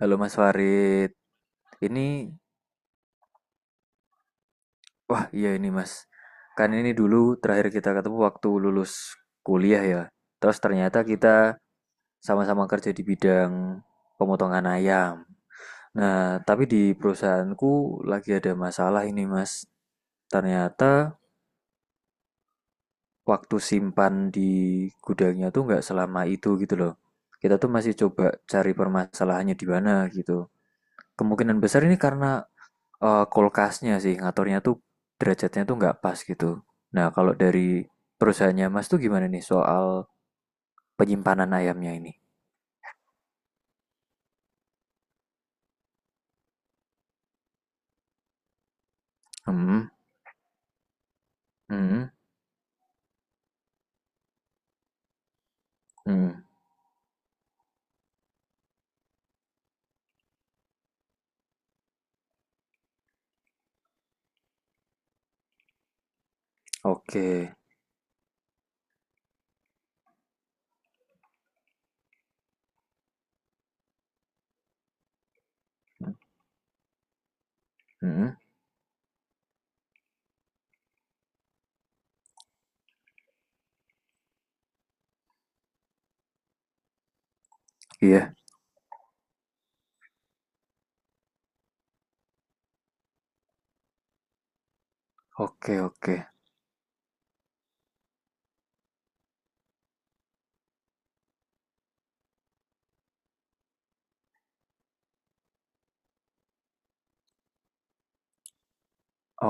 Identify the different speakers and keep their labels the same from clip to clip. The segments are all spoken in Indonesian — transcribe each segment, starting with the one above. Speaker 1: Halo Mas Farid, ini wah iya ini Mas, kan ini dulu terakhir kita ketemu waktu lulus kuliah ya. Terus ternyata kita sama-sama kerja di bidang pemotongan ayam. Nah, tapi di perusahaanku lagi ada masalah ini Mas. Ternyata waktu simpan di gudangnya tuh nggak selama itu gitu loh. Kita tuh masih coba cari permasalahannya di mana gitu. Kemungkinan besar ini karena kulkasnya sih ngaturnya tuh derajatnya tuh nggak pas gitu. Nah, kalau dari perusahaannya Mas tuh gimana nih soal penyimpanan ayamnya ini? Hmm, hmm, hmm. Oke. Hmm, iya. Oke, oke.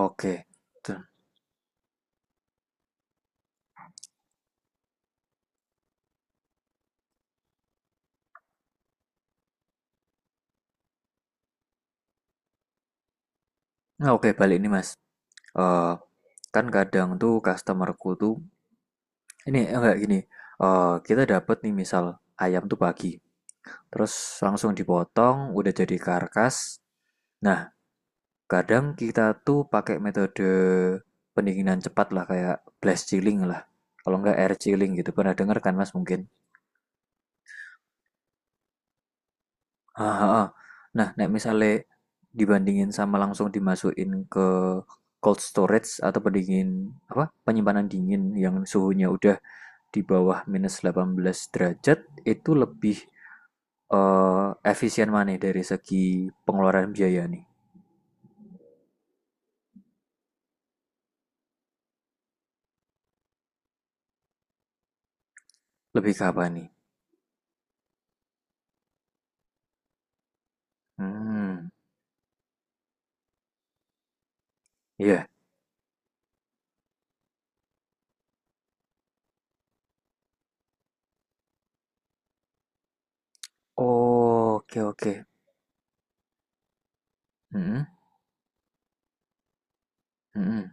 Speaker 1: Oke. Tuh. Nah, oke balik nih Mas. Eh, kan kadang tuh customerku tuh ini eh, enggak gini. Eh, kita dapat nih misal ayam tuh pagi. Terus langsung dipotong, udah jadi karkas. Nah, kadang kita tuh pakai metode pendinginan cepat lah kayak blast chilling lah. Kalau nggak air chilling gitu. Pernah denger kan Mas mungkin? Ah, ah, ah. Nah, nek misalnya dibandingin sama langsung dimasukin ke cold storage atau pendingin apa? Penyimpanan dingin yang suhunya udah di bawah minus 18 derajat itu lebih eh, efisien mana dari segi pengeluaran biaya nih? Lebih ke apa nih? Hmm, iya. Oke, okay, oke. Okay. Hmm. Mhm,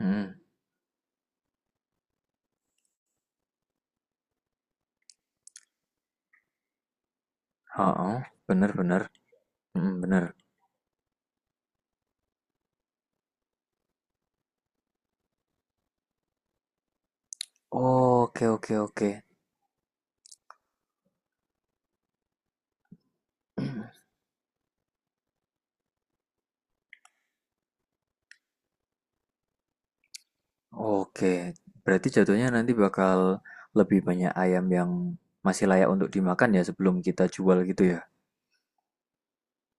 Speaker 1: mhm, heeh, bener bener, mhm, bener. Oke oke oke. Oke, berarti jatuhnya nanti bakal lebih banyak ayam yang masih layak untuk dimakan ya sebelum kita jual gitu ya.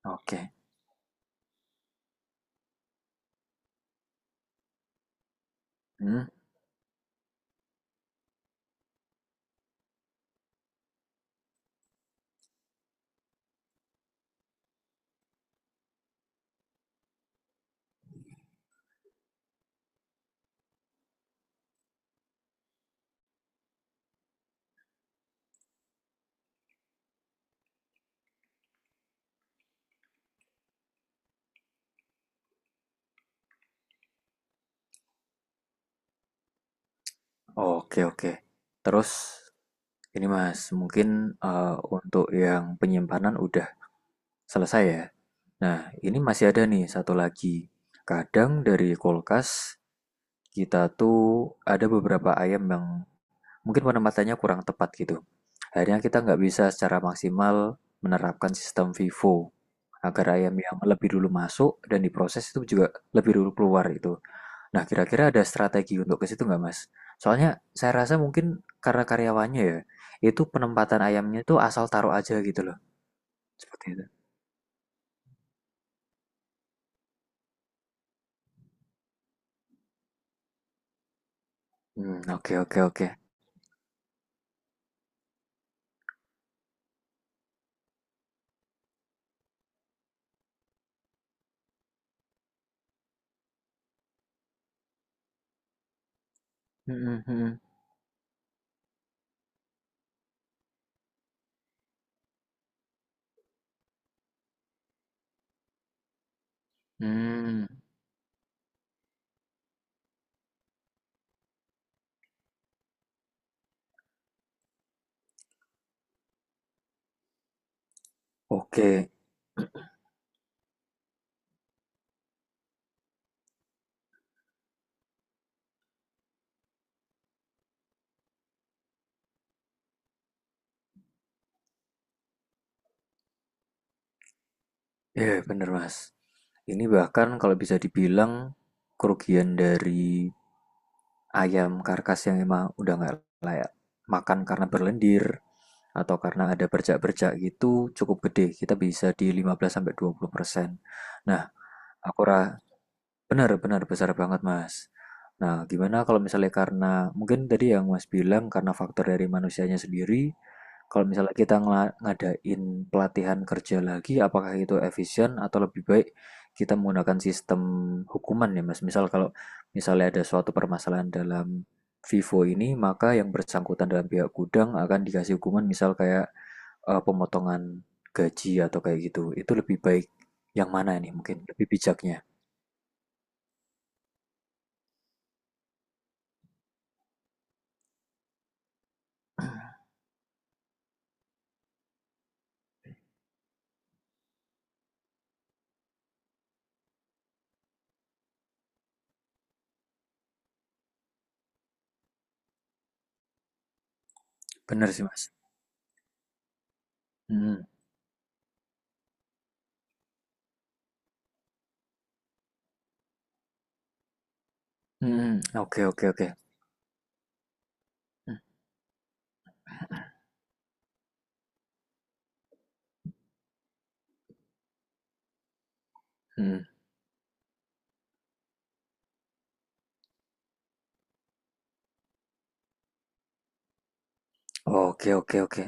Speaker 1: Oke. Hmm, oke oke. Terus ini Mas, mungkin untuk yang penyimpanan udah selesai ya. Nah, ini masih ada nih satu lagi. Kadang dari kulkas kita tuh ada beberapa ayam yang mungkin penempatannya kurang tepat gitu. Akhirnya kita nggak bisa secara maksimal menerapkan sistem FIFO agar ayam yang lebih dulu masuk dan diproses itu juga lebih dulu keluar itu. Nah, kira-kira ada strategi untuk ke situ nggak, Mas? Soalnya saya rasa mungkin karena karyawannya ya, itu penempatan ayamnya itu asal taruh aja gitu loh. Seperti itu. Hmm, oke oke oke. Hmm, hmm, hmm. Hmm, oke. Ya, bener, Mas. Ini bahkan kalau bisa dibilang kerugian dari ayam karkas yang emang udah nggak layak makan karena berlendir atau karena ada bercak-bercak gitu cukup gede. Kita bisa di 15 sampai 20%. Nah, aku ra Benar benar, besar banget, Mas. Nah, gimana kalau misalnya karena mungkin tadi yang Mas bilang karena faktor dari manusianya sendiri, kalau misalnya kita ngadain pelatihan kerja lagi, apakah itu efisien atau lebih baik kita menggunakan sistem hukuman ya, Mas? Misalnya ada suatu permasalahan dalam Vivo ini, maka yang bersangkutan dalam pihak gudang akan dikasih hukuman misal kayak pemotongan gaji atau kayak gitu. Itu lebih baik yang mana nih mungkin lebih bijaknya? Benar sih, Mas. Hmm, hmm, hmm. Oke oke oke. Hmm, hmm. Oke oke oke.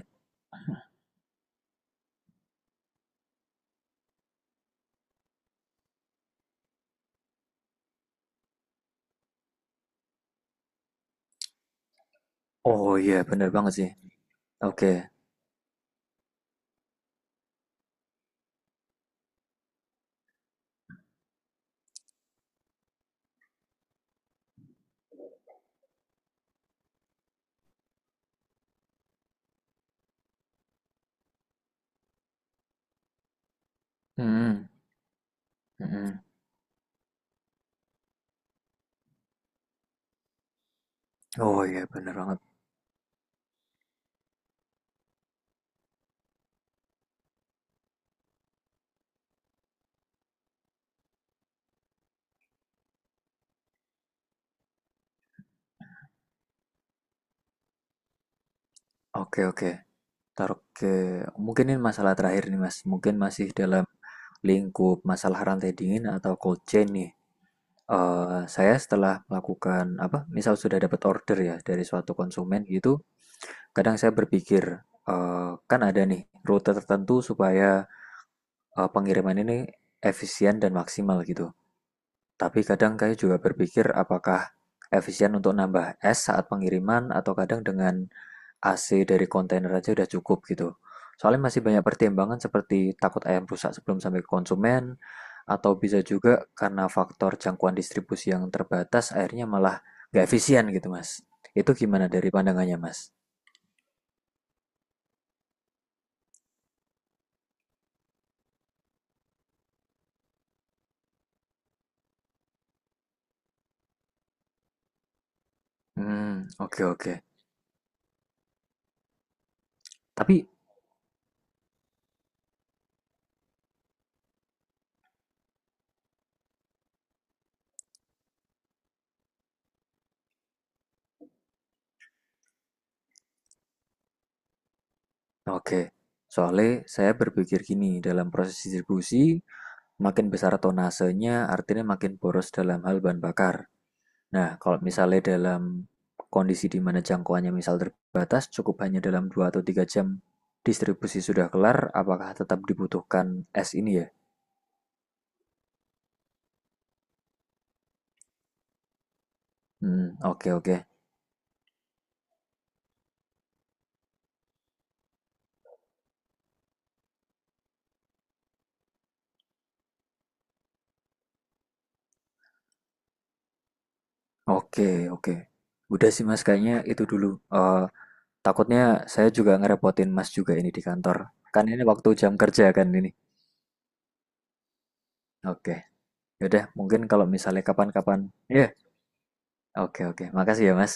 Speaker 1: Oh iya bener banget sih. Oke. Hmm, hmm. Hmm, hmm. Oh iya bener banget. Oke oke. Taruh ke, mungkin ini masalah terakhir nih Mas, mungkin masih dalam lingkup masalah rantai dingin atau cold chain nih. Saya setelah melakukan apa, misal sudah dapat order ya dari suatu konsumen gitu, kadang saya berpikir, kan ada nih rute tertentu supaya, pengiriman ini efisien dan maksimal gitu. Tapi kadang kayak juga berpikir apakah efisien untuk nambah es saat pengiriman atau kadang dengan AC dari kontainer aja udah cukup gitu. Soalnya masih banyak pertimbangan seperti takut ayam rusak sebelum sampai ke konsumen, atau bisa juga karena faktor jangkauan distribusi yang terbatas akhirnya malah nggak efisien gitu mas. Itu gimana dari pandangannya mas? Hmm, oke oke. Tapi oke. Soalnya saya berpikir gini, dalam proses distribusi makin besar tonasenya artinya makin boros dalam hal bahan bakar. Nah, kalau misalnya dalam kondisi di mana jangkauannya misal terbatas, cukup hanya dalam 2 atau 3 jam distribusi sudah kelar, apakah tetap dibutuhkan S ini ya? Hmm, oke oke. Oke, oke. Udah sih Mas, kayaknya itu dulu. Eh, takutnya saya juga ngerepotin Mas juga ini di kantor. Kan ini waktu jam kerja kan ini. Oke. Yaudah, mungkin kalau misalnya kapan-kapan. Iya, oke oke. Makasih ya Mas.